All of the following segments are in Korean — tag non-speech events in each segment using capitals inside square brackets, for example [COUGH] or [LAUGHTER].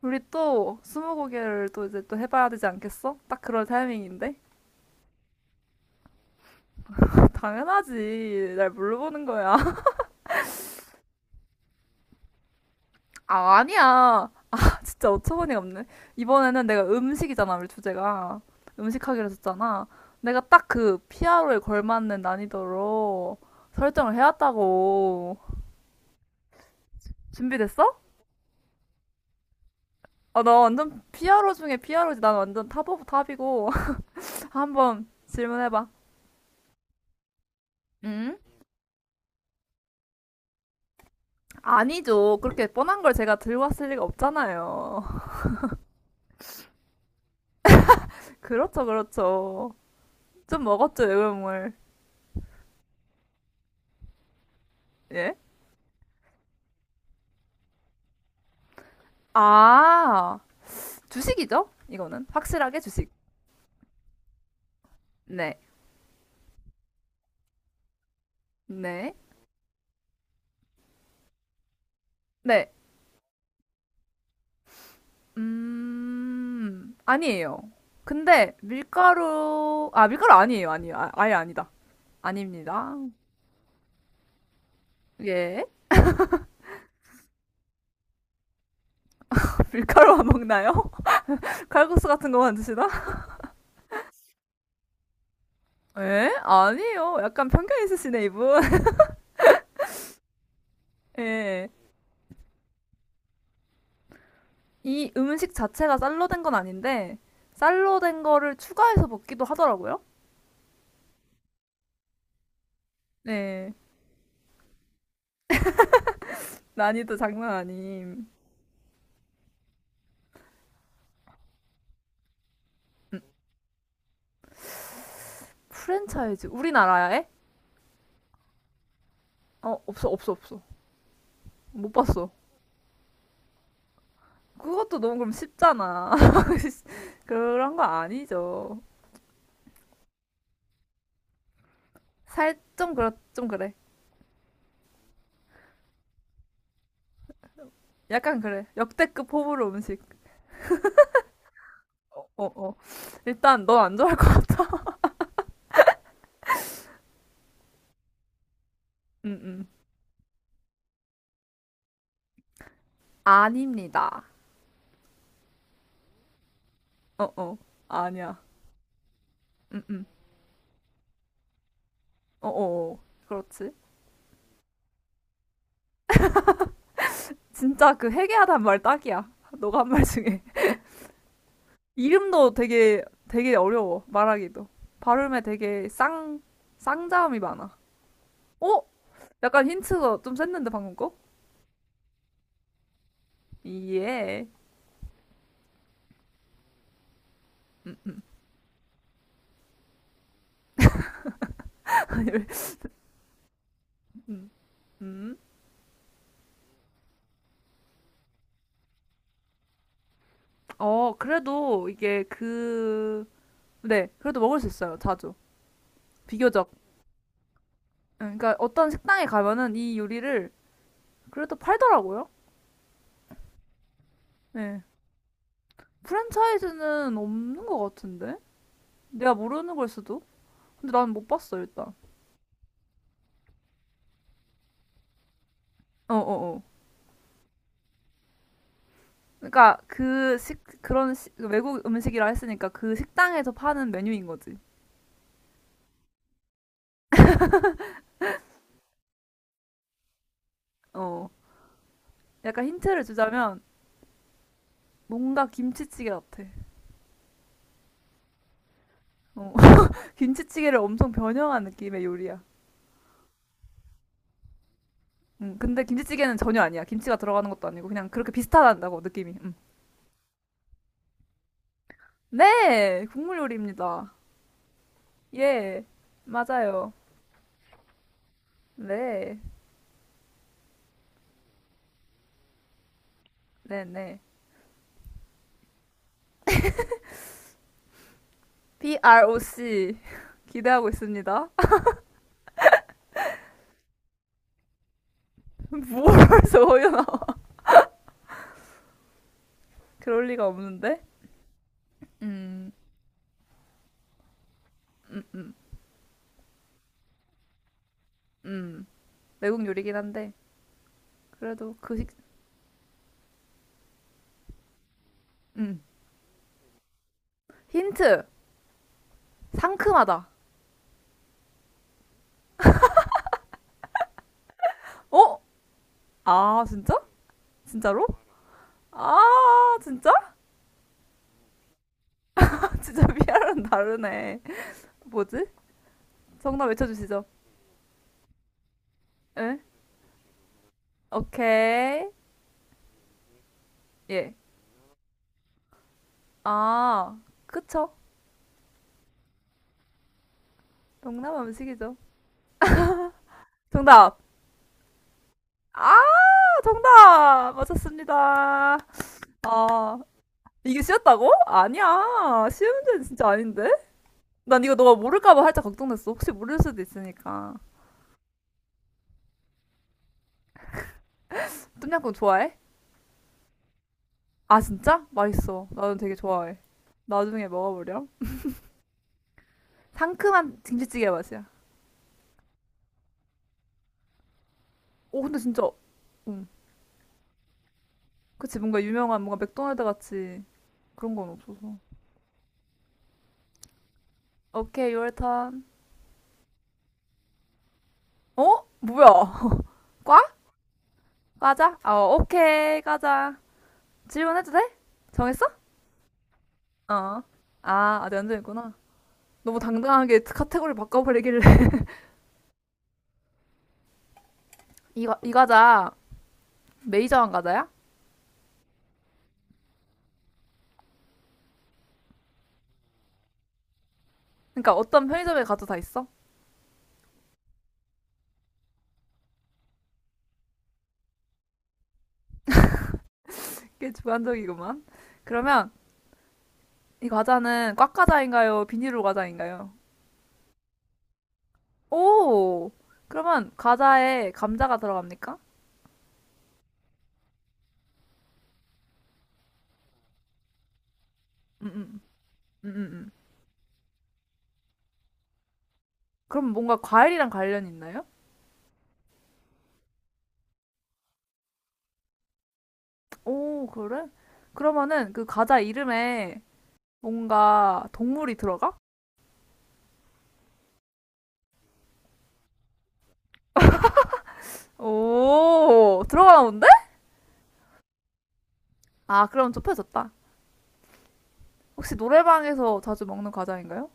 우리 또 스무고개를 또 이제 또 해봐야 되지 않겠어? 딱 그럴 타이밍인데? [LAUGHS] 당연하지. 날 물어보는 거야. [LAUGHS] 아, 아니야. [LAUGHS] 진짜 어처구니가 없네. 이번에는 내가 음식이잖아, 우리 주제가. 음식하기로 했었잖아. 내가 딱 그 피아로에 걸맞는 난이도로 설정을 해왔다고. 준비됐어? 아, 나 완전 피아로 중에 피아로지. 난 완전 탑 오브 탑이고. [LAUGHS] 한번 질문해봐. 응? 아니죠. 그렇게 뻔한 걸 제가 들고 왔을 리가 없잖아요. 그렇죠, 그렇죠. 좀 먹었죠, 외국물. 예? 아, 주식이죠? 이거는. 확실하게 주식. 네. 네. 네. 아니에요. 근데 밀가루, 아, 밀가루 아니에요. 아니에요. 아, 아예 아니다. 아닙니다. 예? [LAUGHS] 밀가루만 먹나요? [LAUGHS] 칼국수 같은 거만 드시나? [LAUGHS] 예? 아니에요. 약간 편견 있으시네, 이분. [LAUGHS] 예. 이 음식 자체가 쌀로 된 건 아닌데, 쌀로 된 거를 추가해서 먹기도 하더라고요. 네. 난이도 장난 아님. 음, 프랜차이즈 우리나라에? 어, 없어, 없어, 없어. 못 봤어. 그것도 너무 그럼 쉽잖아. [LAUGHS] 그런 거 아니죠. 살 좀 그렇 좀 그래. 약간 그래. 역대급 호불호 음식. 어, 어. 일단 넌 안 좋아할 거. 음, 음. 아닙니다. 어, 어. 아니야. 음, 음. 어, 어. 어. 그렇지. 진짜 그 회개하다는 말 딱이야. 너가 한 말 중에. 이름도 되게 되게 어려워 말하기도 발음에 되게 쌍 쌍자음이 많아. 어? 약간 힌트가 좀 셌는데 방금 거? 예. 음. [LAUGHS] 음, 음. 어 그래도 이게 그 네, 그래도 먹을 수 있어요 자주 비교적. 응, 그러니까 어떤 식당에 가면은 이 요리를 그래도 팔더라고요. 네. 프랜차이즈는 없는 것 같은데? 내가 모르는 걸 수도? 근데 난 못 봤어 일단. 어어어. 그러니까 그 외국 음식이라 했으니까 그 식당에서 파는 메뉴인 거지. 어. 약간 힌트를 주자면 뭔가 김치찌개 같아. 어. [LAUGHS] 김치찌개를 엄청 변형한 느낌의 요리야. 근데 김치찌개는 전혀 아니야. 김치가 들어가는 것도 아니고 그냥 그렇게 비슷하다고 느낌이. 음. 네, 국물 요리입니다. 예, 맞아요. 네, 네, 네. PROC [LAUGHS] 기대하고 있습니다. [LAUGHS] 뭘 서요 [LAUGHS] 나와? 그럴 리가 없는데. 음, 음, 음. 음, 외국 요리긴 한데 그래도 그 식, 음, 힌트 상큼하다. 어? 아, 진짜? 진짜로? 아, 진짜? [LAUGHS] 진짜 미아랑 다르네. 뭐지? 정답 외쳐주시죠. 응? 오케이. 예. 아, 그쵸? 동남 음식이죠. 정답. 아, 정답 맞았습니다. 아, 이게 쉬웠다고? 아니야. 쉬운 문제는 진짜 아닌데? 난 이거 너가 모를까봐 살짝 걱정됐어. 혹시 모를 수도 있으니까. 똠양꿍 좋아해? 아 진짜? 맛있어. 나는 되게 좋아해. 나중에 먹어보렴. 상큼한 김치찌개 맛이야. 오 근데 진짜, 응. 그치 뭔가 유명한 뭔가 맥도날드 같이 그런 건 없어서. 오케이 your turn. 어? 뭐야? [LAUGHS] 과? 과자? 어 오케이 과자. 질문해도 돼? 정했어? 어. 아 아직 안 정했구나. 너무 당당하게 카테고리 바꿔버리길래. [LAUGHS] 이 과자 메이저한 과자야? 그러니까 어떤 편의점에 가도 다 있어? 꽤 주관적이구만. 그러면 이 과자는 꽉 과자인가요? 비닐로 과자인가요? 오! 그러면 과자에 감자가 들어갑니까? 음, 음, 음, 음, 음. 그럼 뭔가 과일이랑 관련 있나요? 오, 그래? 그러면은 그 과자 이름에 뭔가 동물이 들어가? 오, 들어가나 본데? 아, 그럼 좁혀졌다. 혹시 노래방에서 자주 먹는 과자인가요?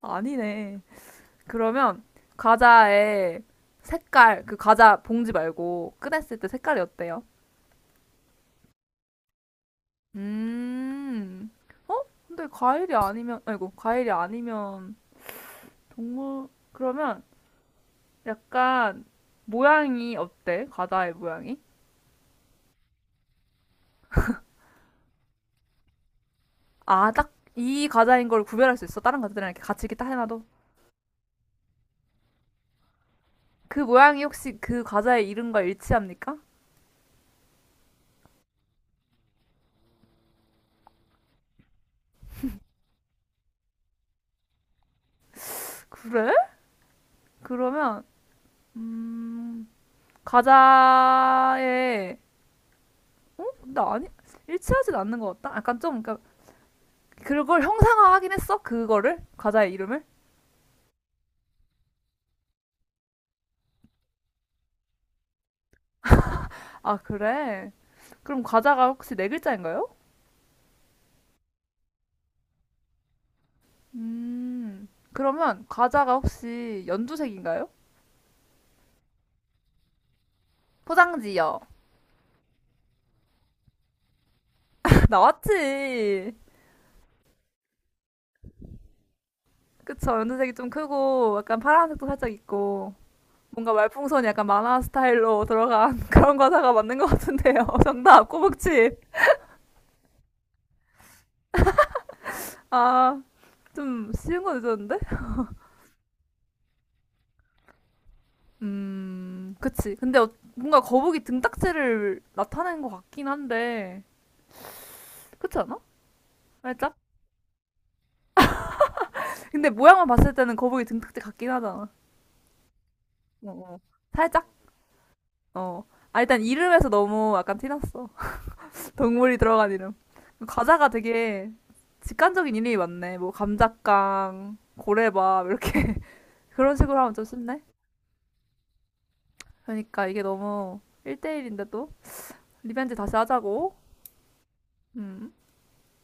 아, 아니네. 그러면 과자의 색깔, 그 과자 봉지 말고 꺼냈을 때 색깔이 어때요? 음. 어? 근데 과일이 아니면, 아이고, 과일이 아니면 동물, 그러면 약간 모양이 어때? 과자의 모양이? 아, 딱 이 과자인 걸 구별할 수 있어? 다른 과자들이랑 이렇게 같이 이렇게 딱 해놔도? 그 모양이 혹시 그 과자의 이름과 일치합니까? 그래? 그러면, 음, 과자의, 어? 근데 아니, 일치하진 않는 것 같다? 약간 좀, 그러니까 그걸 형상화하긴 했어? 그거를? 과자의 이름을? 아, 그래? 그럼 과자가 혹시 네 글자인가요? 그러면 과자가 혹시 연두색인가요? 포장지요. [LAUGHS] 나왔지. 그쵸, 연두색이 좀 크고, 약간 파란색도 살짝 있고, 뭔가 말풍선이 약간 만화 스타일로 들어간 [LAUGHS] 그런 과자가 맞는 것 같은데요. [LAUGHS] 정답, 꼬북칩. 아, 좀 쉬운 거 늦었는데? 그치. 근데 어- 뭔가 거북이 등딱지를 나타낸 것 같긴 한데, 그렇지 않아? 살짝? 근데 모양만 봤을 때는 거북이 등딱지 같긴 하잖아. 어, 어. 살짝? 어. 아, 일단 이름에서 너무 약간 티났어. [LAUGHS] 동물이 들어간 이름. 과자가 되게 직관적인 이름이 많네. 뭐, 감자깡, 고래밥, 이렇게. [LAUGHS] 그런 식으로 하면 좀 쉽네. 그러니까 이게 너무 1대1인데 또. 리벤지 다시 하자고. 음.